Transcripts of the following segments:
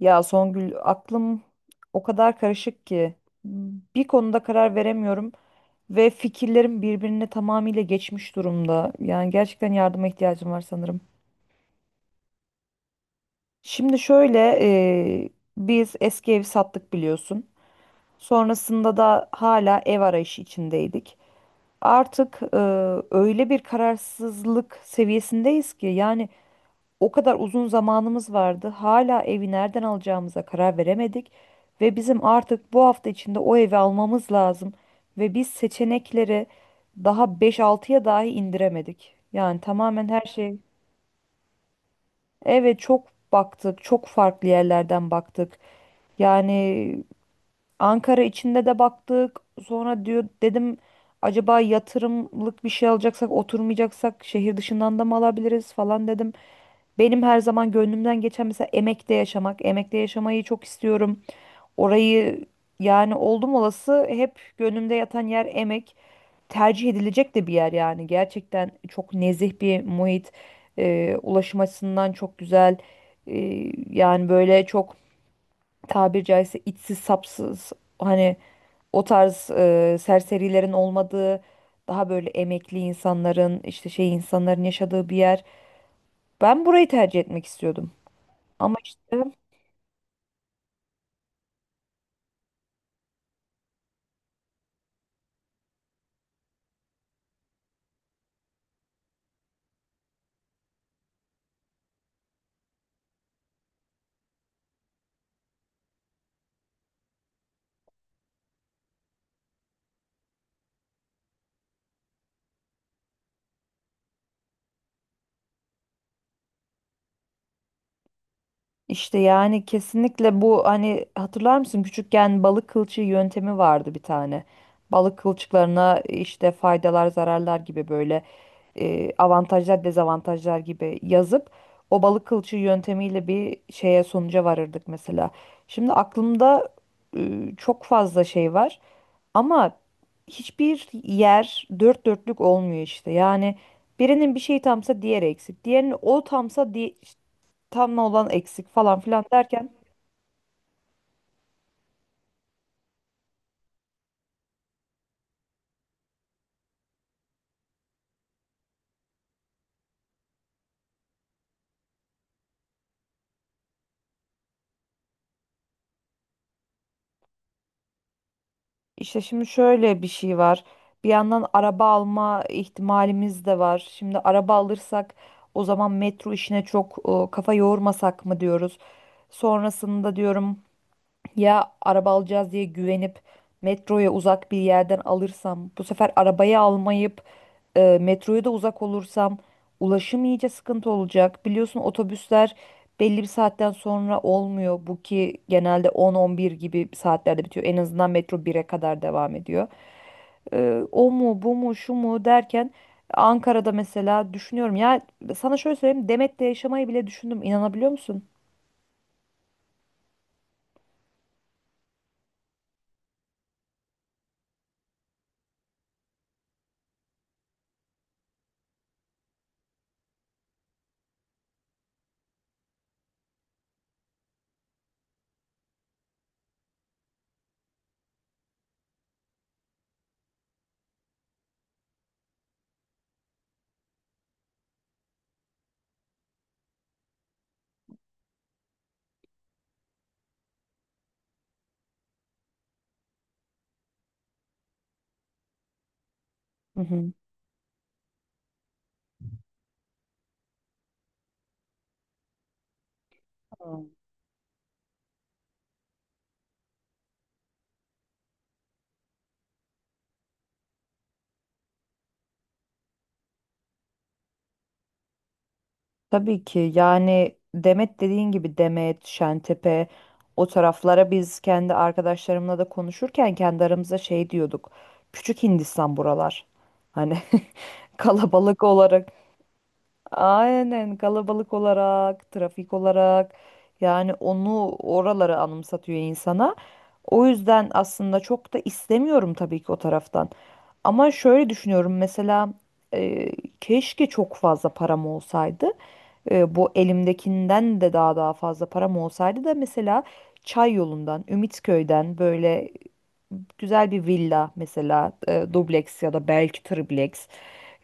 Ya Songül aklım o kadar karışık ki bir konuda karar veremiyorum ve fikirlerim birbirine tamamıyla geçmiş durumda. Yani gerçekten yardıma ihtiyacım var sanırım. Şimdi şöyle, e, biz eski evi sattık biliyorsun. Sonrasında da hala ev arayışı içindeydik. Artık öyle bir kararsızlık seviyesindeyiz ki. Yani o kadar uzun zamanımız vardı, hala evi nereden alacağımıza karar veremedik ve bizim artık bu hafta içinde o evi almamız lazım ve biz seçenekleri daha beş altıya dahi indiremedik. Yani tamamen her şey. Evet, çok baktık, çok farklı yerlerden baktık. Yani Ankara içinde de baktık. Sonra diyor dedim, acaba yatırımlık bir şey alacaksak oturmayacaksak şehir dışından da mı alabiliriz falan dedim. Benim her zaman gönlümden geçen mesela Emek'te yaşamak. Emek'te yaşamayı çok istiyorum. Orayı, yani oldum olası hep gönlümde yatan yer Emek. Tercih edilecek de bir yer yani. Gerçekten çok nezih bir muhit. Ulaşım açısından çok güzel. Yani böyle çok, tabiri caizse içsiz sapsız, hani o tarz serserilerin olmadığı, daha böyle emekli insanların, işte şey insanların yaşadığı bir yer. Ben burayı tercih etmek istiyordum. Ama işte İşte yani kesinlikle bu, hani hatırlar mısın küçükken balık kılçığı yöntemi vardı bir tane. Balık kılçıklarına işte faydalar, zararlar gibi, böyle avantajlar, dezavantajlar gibi yazıp o balık kılçığı yöntemiyle bir şeye, sonuca varırdık mesela. Şimdi aklımda e, çok fazla şey var ama hiçbir yer dört dörtlük olmuyor işte. Yani birinin bir şeyi tamsa diğeri eksik. Diğerinin o tamsa tam olan eksik falan filan derken, işte şimdi şöyle bir şey var. Bir yandan araba alma ihtimalimiz de var. Şimdi araba alırsak o zaman metro işine çok kafa yormasak mı diyoruz. Sonrasında diyorum, ya araba alacağız diye güvenip metroya uzak bir yerden alırsam, bu sefer arabayı almayıp metroya da uzak olursam ulaşım iyice sıkıntı olacak. Biliyorsun otobüsler belli bir saatten sonra olmuyor. Bu ki genelde 10-11 gibi saatlerde bitiyor. En azından metro 1'e kadar devam ediyor. O mu bu mu şu mu derken, Ankara'da mesela düşünüyorum. Ya sana şöyle söyleyeyim, Demet'te yaşamayı bile düşündüm. İnanabiliyor musun? Hı hı. Tabii ki yani Demet, dediğin gibi Demet, Şentepe, o taraflara biz kendi arkadaşlarımla da konuşurken kendi aramızda şey diyorduk. Küçük Hindistan buralar. Hani kalabalık olarak. Aynen, kalabalık olarak, trafik olarak, yani onu, oraları anımsatıyor insana. O yüzden aslında çok da istemiyorum tabii ki o taraftan. Ama şöyle düşünüyorum mesela, e, keşke çok fazla param olsaydı. Bu elimdekinden de daha fazla param olsaydı da mesela Çay yolundan, Ümitköy'den böyle güzel bir villa mesela, dubleks ya da belki tripleks.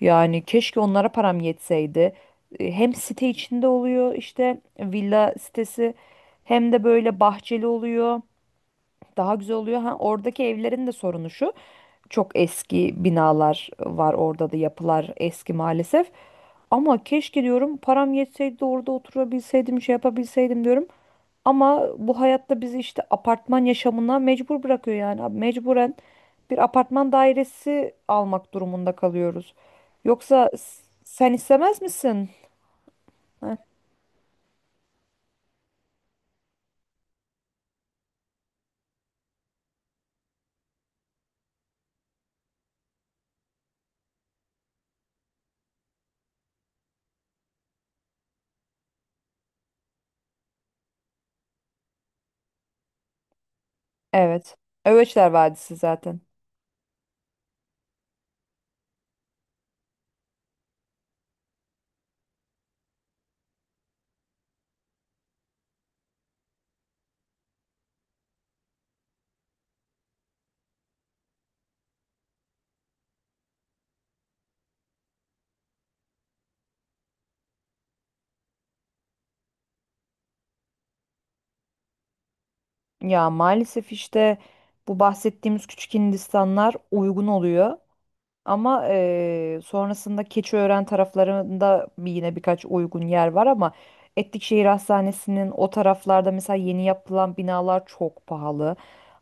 Yani keşke onlara param yetseydi. Hem site içinde oluyor, işte villa sitesi, hem de böyle bahçeli oluyor. Daha güzel oluyor. Ha, oradaki evlerin de sorunu şu: çok eski binalar var orada da, yapılar eski maalesef. Ama keşke diyorum, param yetseydi de orada oturabilseydim, şey yapabilseydim diyorum. Ama bu hayatta bizi işte apartman yaşamına mecbur bırakıyor yani. Abi, mecburen bir apartman dairesi almak durumunda kalıyoruz. Yoksa sen istemez misin? Evet. Öveçler Vadisi zaten. Ya maalesef işte bu bahsettiğimiz küçük Hindistanlar uygun oluyor. Ama sonrasında Keçiören taraflarında yine birkaç uygun yer var, ama Etlikşehir Hastanesi'nin o taraflarda mesela yeni yapılan binalar çok pahalı.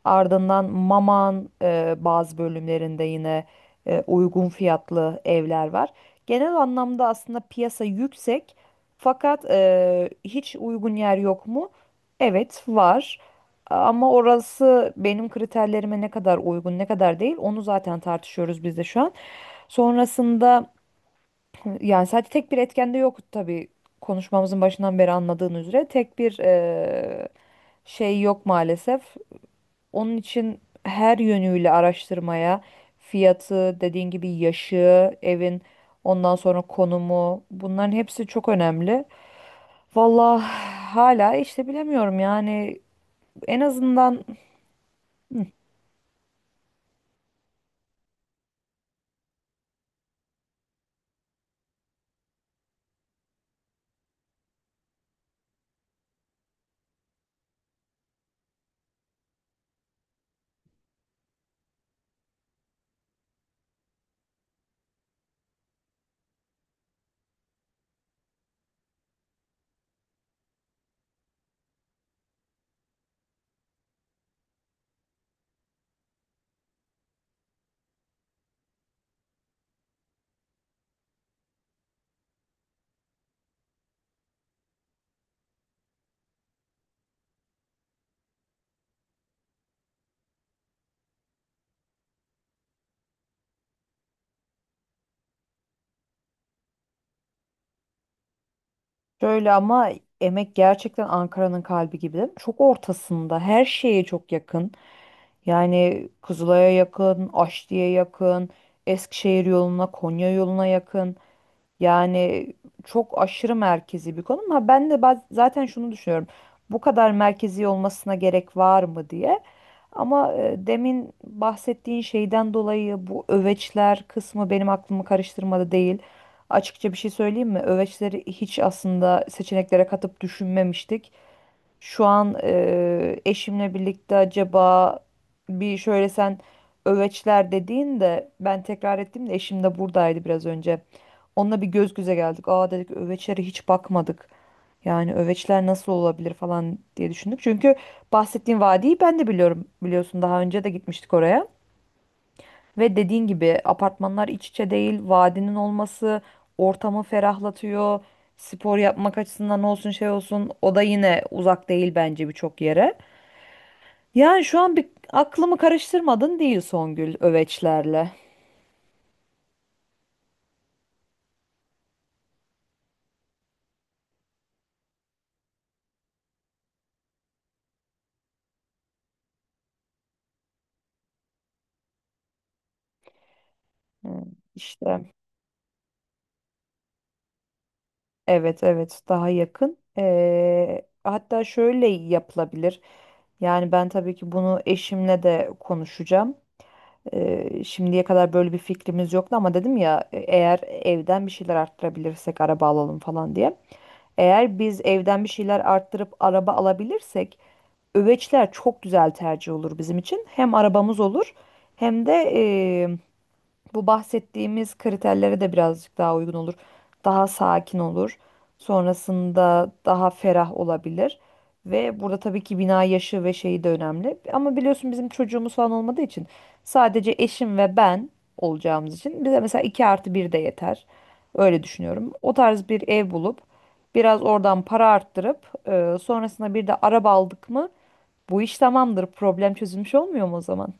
Ardından Maman bazı bölümlerinde yine uygun fiyatlı evler var. Genel anlamda aslında piyasa yüksek, fakat hiç uygun yer yok mu? Evet var. Ama orası benim kriterlerime ne kadar uygun, ne kadar değil, onu zaten tartışıyoruz biz de şu an. Sonrasında, yani sadece tek bir etken de yok tabii, konuşmamızın başından beri anladığın üzere tek bir şey yok maalesef. Onun için her yönüyle araştırmaya, fiyatı, dediğin gibi yaşı, evin, ondan sonra konumu, bunların hepsi çok önemli. Vallahi hala işte bilemiyorum yani, en azından. Şöyle ama, Emek gerçekten Ankara'nın kalbi gibi. Çok ortasında, her şeye çok yakın. Yani Kızılay'a yakın, Aşti'ye yakın, Eskişehir yoluna, Konya yoluna yakın. Yani çok aşırı merkezi bir konu. Ama ben de zaten şunu düşünüyorum, bu kadar merkezi olmasına gerek var mı diye. Ama demin bahsettiğin şeyden dolayı bu Öveçler kısmı benim aklımı karıştırmadı değil. Açıkça bir şey söyleyeyim mi? Öveçleri hiç aslında seçeneklere katıp düşünmemiştik. Şu an eşimle birlikte, acaba bir şöyle, sen Öveçler dediğin de ben tekrar ettim de, eşim de buradaydı biraz önce. Onunla bir göz göze geldik. Aa, dedik, Öveçlere hiç bakmadık. Yani Öveçler nasıl olabilir falan diye düşündük. Çünkü bahsettiğim vadiyi ben de biliyorum. Biliyorsun daha önce de gitmiştik oraya. Ve dediğin gibi apartmanlar iç içe değil. Vadinin olması ortamı ferahlatıyor. Spor yapmak açısından olsun, şey olsun, o da yine uzak değil bence birçok yere. Yani şu an bir, aklımı karıştırmadın değil Songül, Öveçlerle. Hı, işte. Evet evet, daha yakın. Hatta şöyle yapılabilir. Yani ben tabii ki bunu eşimle de konuşacağım. Şimdiye kadar böyle bir fikrimiz yoktu ama dedim ya, eğer evden bir şeyler arttırabilirsek araba alalım falan diye. Eğer biz evden bir şeyler arttırıp araba alabilirsek Öveçler çok güzel tercih olur bizim için. Hem arabamız olur, hem de bu bahsettiğimiz kriterlere de birazcık daha uygun olur. Daha sakin olur. Sonrasında daha ferah olabilir. Ve burada tabii ki bina yaşı ve şeyi de önemli. Ama biliyorsun bizim çocuğumuz falan olmadığı için, sadece eşim ve ben olacağımız için, bize mesela 2 artı bir de yeter. Öyle düşünüyorum. O tarz bir ev bulup, biraz oradan para arttırıp, sonrasında bir de araba aldık mı bu iş tamamdır. Problem çözülmüş olmuyor mu o zaman?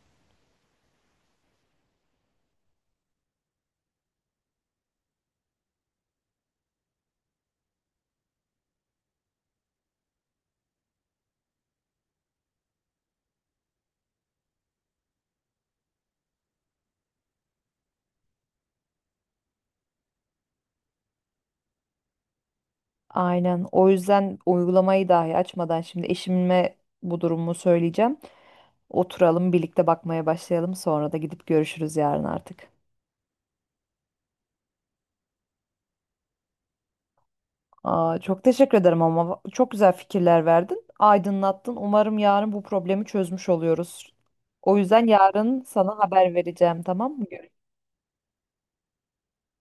Aynen. O yüzden uygulamayı dahi açmadan şimdi eşime bu durumu söyleyeceğim. Oturalım, birlikte bakmaya başlayalım. Sonra da gidip görüşürüz yarın artık. Aa, çok teşekkür ederim, ama çok güzel fikirler verdin. Aydınlattın. Umarım yarın bu problemi çözmüş oluyoruz. O yüzden yarın sana haber vereceğim, tamam mı?